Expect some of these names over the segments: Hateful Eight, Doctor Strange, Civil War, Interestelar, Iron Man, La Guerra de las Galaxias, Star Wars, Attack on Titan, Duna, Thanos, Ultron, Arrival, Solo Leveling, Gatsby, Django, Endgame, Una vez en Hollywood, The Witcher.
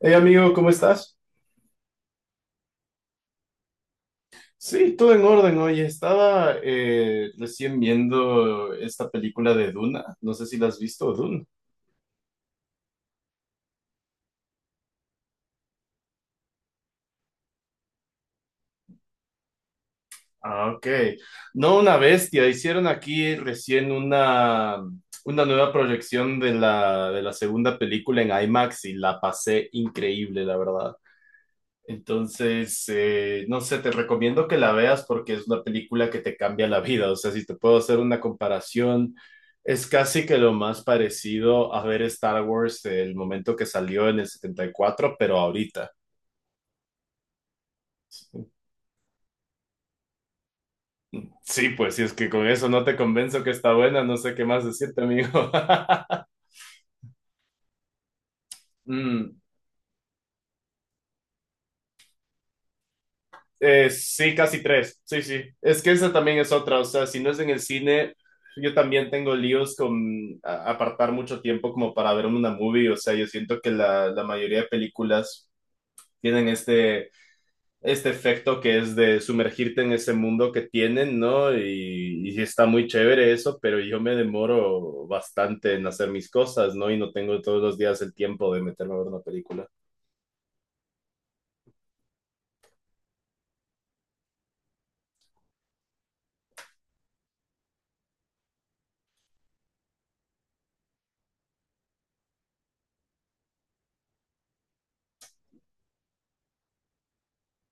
Hey amigo, ¿cómo estás? Sí, todo en orden. Oye, estaba recién viendo esta película de Duna. No sé si la has visto, Duna. Ah, ok. No, una bestia. Hicieron aquí recién una nueva proyección de la segunda película en IMAX y la pasé increíble, la verdad. Entonces, no sé, te recomiendo que la veas porque es una película que te cambia la vida. O sea, si te puedo hacer una comparación, es casi que lo más parecido a ver Star Wars el momento que salió en el 74, pero ahorita. Sí, pues si es que con eso no te convenzo que está buena, no sé qué más decirte, amigo. Mm. Sí, casi tres. Sí, sí. Es que esa también es otra. O sea, si no es en el cine, yo también tengo líos con apartar mucho tiempo como para ver una movie. O sea, yo siento que la mayoría de películas tienen este efecto que es de sumergirte en ese mundo que tienen, ¿no? Y sí está muy chévere eso, pero yo me demoro bastante en hacer mis cosas, ¿no? Y no tengo todos los días el tiempo de meterme a ver una película.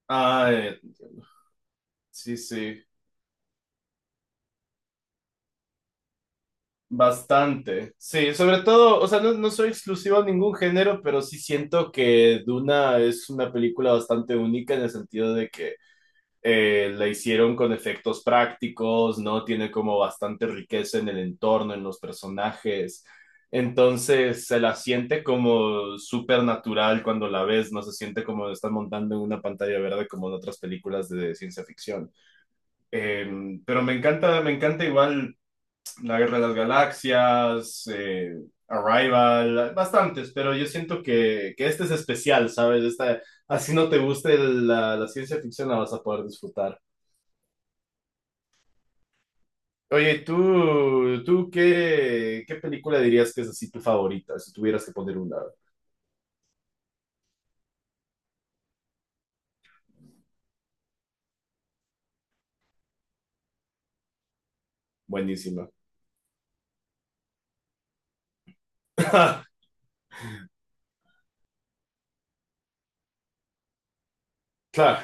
Ah, sí, sí. Bastante, sí, sobre todo, o sea, no, no soy exclusivo a ningún género, pero sí siento que Duna es una película bastante única en el sentido de que la hicieron con efectos prácticos, ¿no? Tiene como bastante riqueza en el entorno, en los personajes, entonces se la siente como súper natural cuando la ves, no se siente como están montando en una pantalla verde como en otras películas de ciencia ficción. Eh, pero me encanta igual. La Guerra de las Galaxias, Arrival, bastantes, pero yo siento que este es especial, ¿sabes? Esta, así no te guste la ciencia ficción, la vas a poder disfrutar. Oye, ¿tú qué, qué película dirías que es así tu favorita? Si tuvieras que poner una buenísima. Claro,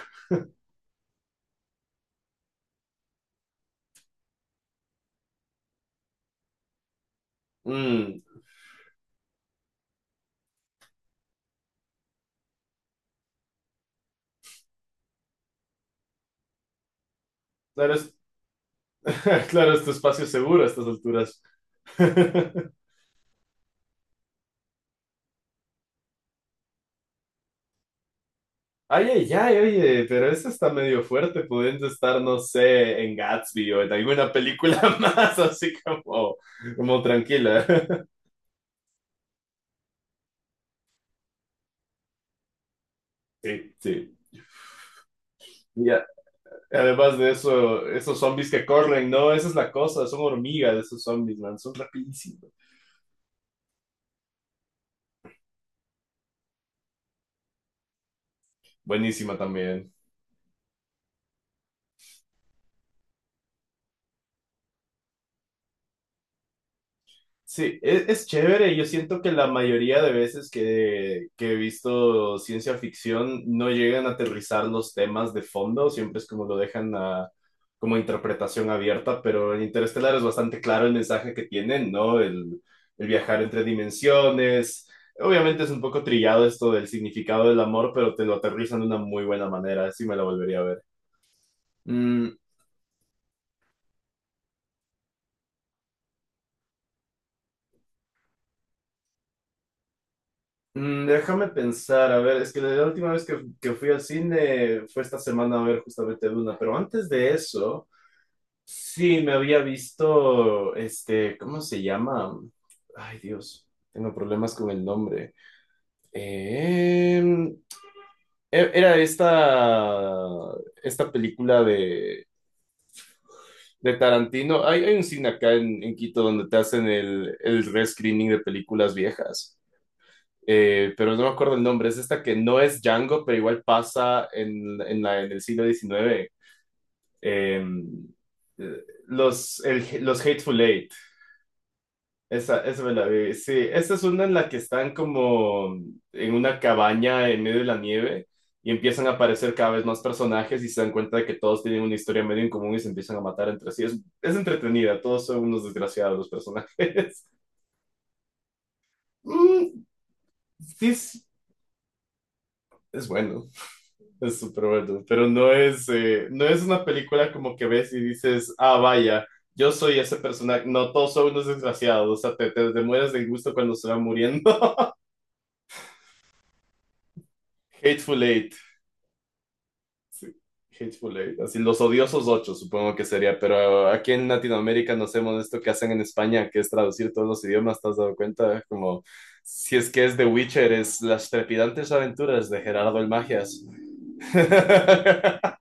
mm, claro, es, claro, es tu espacio seguro a estas alturas. Oye, ya, oye, pero eso está medio fuerte, pudiendo estar, no sé, en Gatsby o en alguna película más, así como, como tranquila. Sí, sí. Y a- Además de eso, esos zombies que corren, no, esa es la cosa, son hormigas esos zombies, man, son rapidísimos. Buenísima también. Sí, es chévere. Yo siento que la mayoría de veces que he visto ciencia ficción no llegan a aterrizar los temas de fondo, siempre es como lo dejan a, como interpretación abierta, pero en Interestelar es bastante claro el mensaje que tienen, ¿no? El viajar entre dimensiones. Obviamente es un poco trillado esto del significado del amor, pero te lo aterrizan de una muy buena manera, así me la volvería a ver. Mm. Mm, déjame pensar, a ver, es que la última vez que fui al cine fue esta semana a ver justamente Duna, pero antes de eso, sí me había visto, este, ¿cómo se llama? Ay, Dios, tengo problemas con el nombre. Em, era esta, esta película de Tarantino. Hay un cine acá en Quito donde te hacen el rescreening de películas viejas. Pero no me acuerdo el nombre, es esta que no es Django, pero igual pasa en el siglo XIX. Eh, los Hateful Eight, esa me la vi. Sí, esa es una en la que están como en una cabaña en medio de la nieve y empiezan a aparecer cada vez más personajes y se dan cuenta de que todos tienen una historia medio en común y se empiezan a matar entre sí. Es entretenida, todos son unos desgraciados los personajes. Mm, sí, es bueno. Es súper bueno, pero no es, no es una película como que ves y dices, ah, vaya, yo soy ese personaje. No, todos son unos desgraciados, o sea, te mueres de gusto cuando se van muriendo. Hateful Eight, sí, Hateful Eight, así los odiosos ocho, supongo que sería, pero aquí en Latinoamérica no hacemos esto que hacen en España, que es traducir todos los idiomas, ¿te has dado cuenta? Como, si es que es The Witcher, es Las trepidantes aventuras de Gerardo el Magias.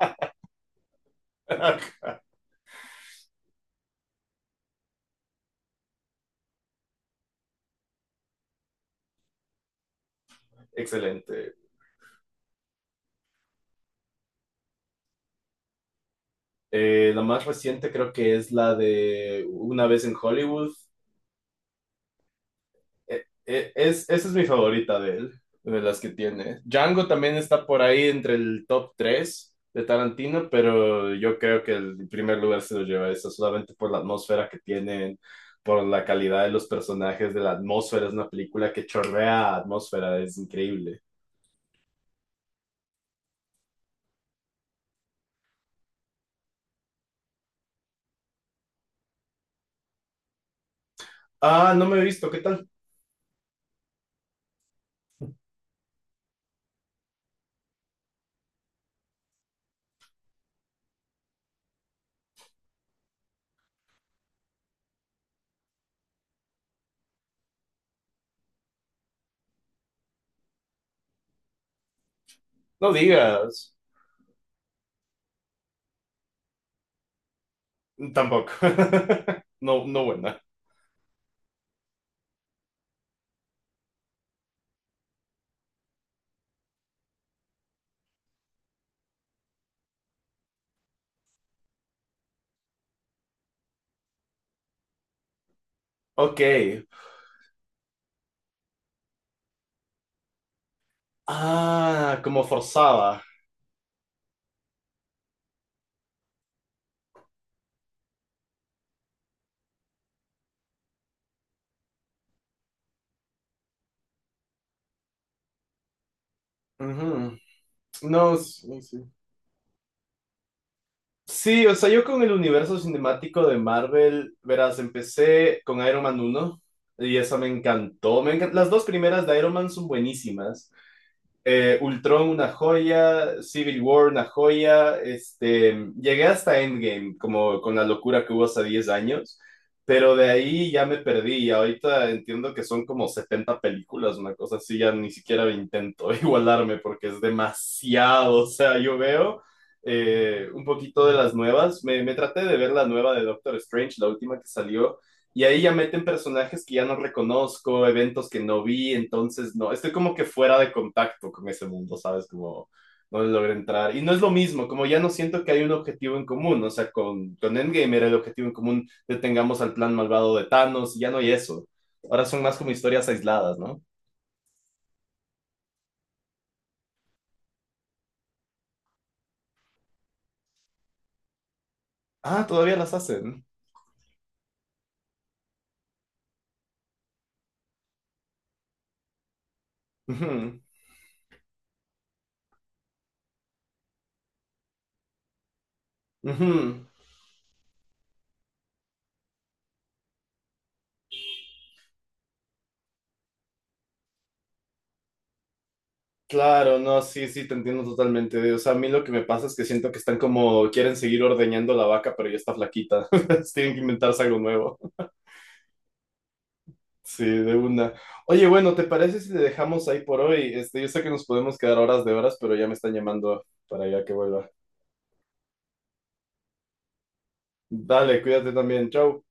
Excelente. La más reciente creo que es la de Una vez en Hollywood. Es, esa es mi favorita de él, de las que tiene. Django también está por ahí entre el top 3 de Tarantino, pero yo creo que el primer lugar se lo lleva esa, solamente por la atmósfera que tienen, por la calidad de los personajes, de la atmósfera. Es una película que chorrea atmósfera, es increíble. Ah, no me he visto, ¿qué tal? No digas. Tampoco. No, no buena. Ok. Ah, como forzada. Ujú. No, sí, sí. Sí, o sea, yo con el universo cinemático de Marvel, verás, empecé con Iron Man uno y esa me encantó. Me encan- Las dos primeras de Iron Man son buenísimas. Ultron una joya, Civil War una joya, este, llegué hasta Endgame, como con la locura que hubo hace 10 años, pero de ahí ya me perdí y ahorita entiendo que son como 70 películas, una cosa así, ya ni siquiera intento igualarme porque es demasiado, o sea, yo veo un poquito de las nuevas, me traté de ver la nueva de Doctor Strange, la última que salió, y ahí ya meten personajes que ya no reconozco, eventos que no vi, entonces no, estoy como que fuera de contacto con ese mundo, ¿sabes? Como no logro entrar. Y no es lo mismo, como ya no siento que hay un objetivo en común, o sea, con Endgame era el objetivo en común, detengamos al plan malvado de Thanos, y ya no hay eso. Ahora son más como historias aisladas, ¿no? Ah, todavía las hacen. Ujú, ujú. Claro, no, sí, sí, te entiendo totalmente. O sea, a mí lo que me pasa es que siento que están como, quieren seguir ordeñando la vaca, pero ya está flaquita. Entonces, tienen que inventarse algo nuevo. Sí, de una. Oye, bueno, ¿te parece si le dejamos ahí por hoy? Este, yo sé que nos podemos quedar horas de horas, pero ya me están llamando para ya que vuelva. Dale, cuídate también. Chau.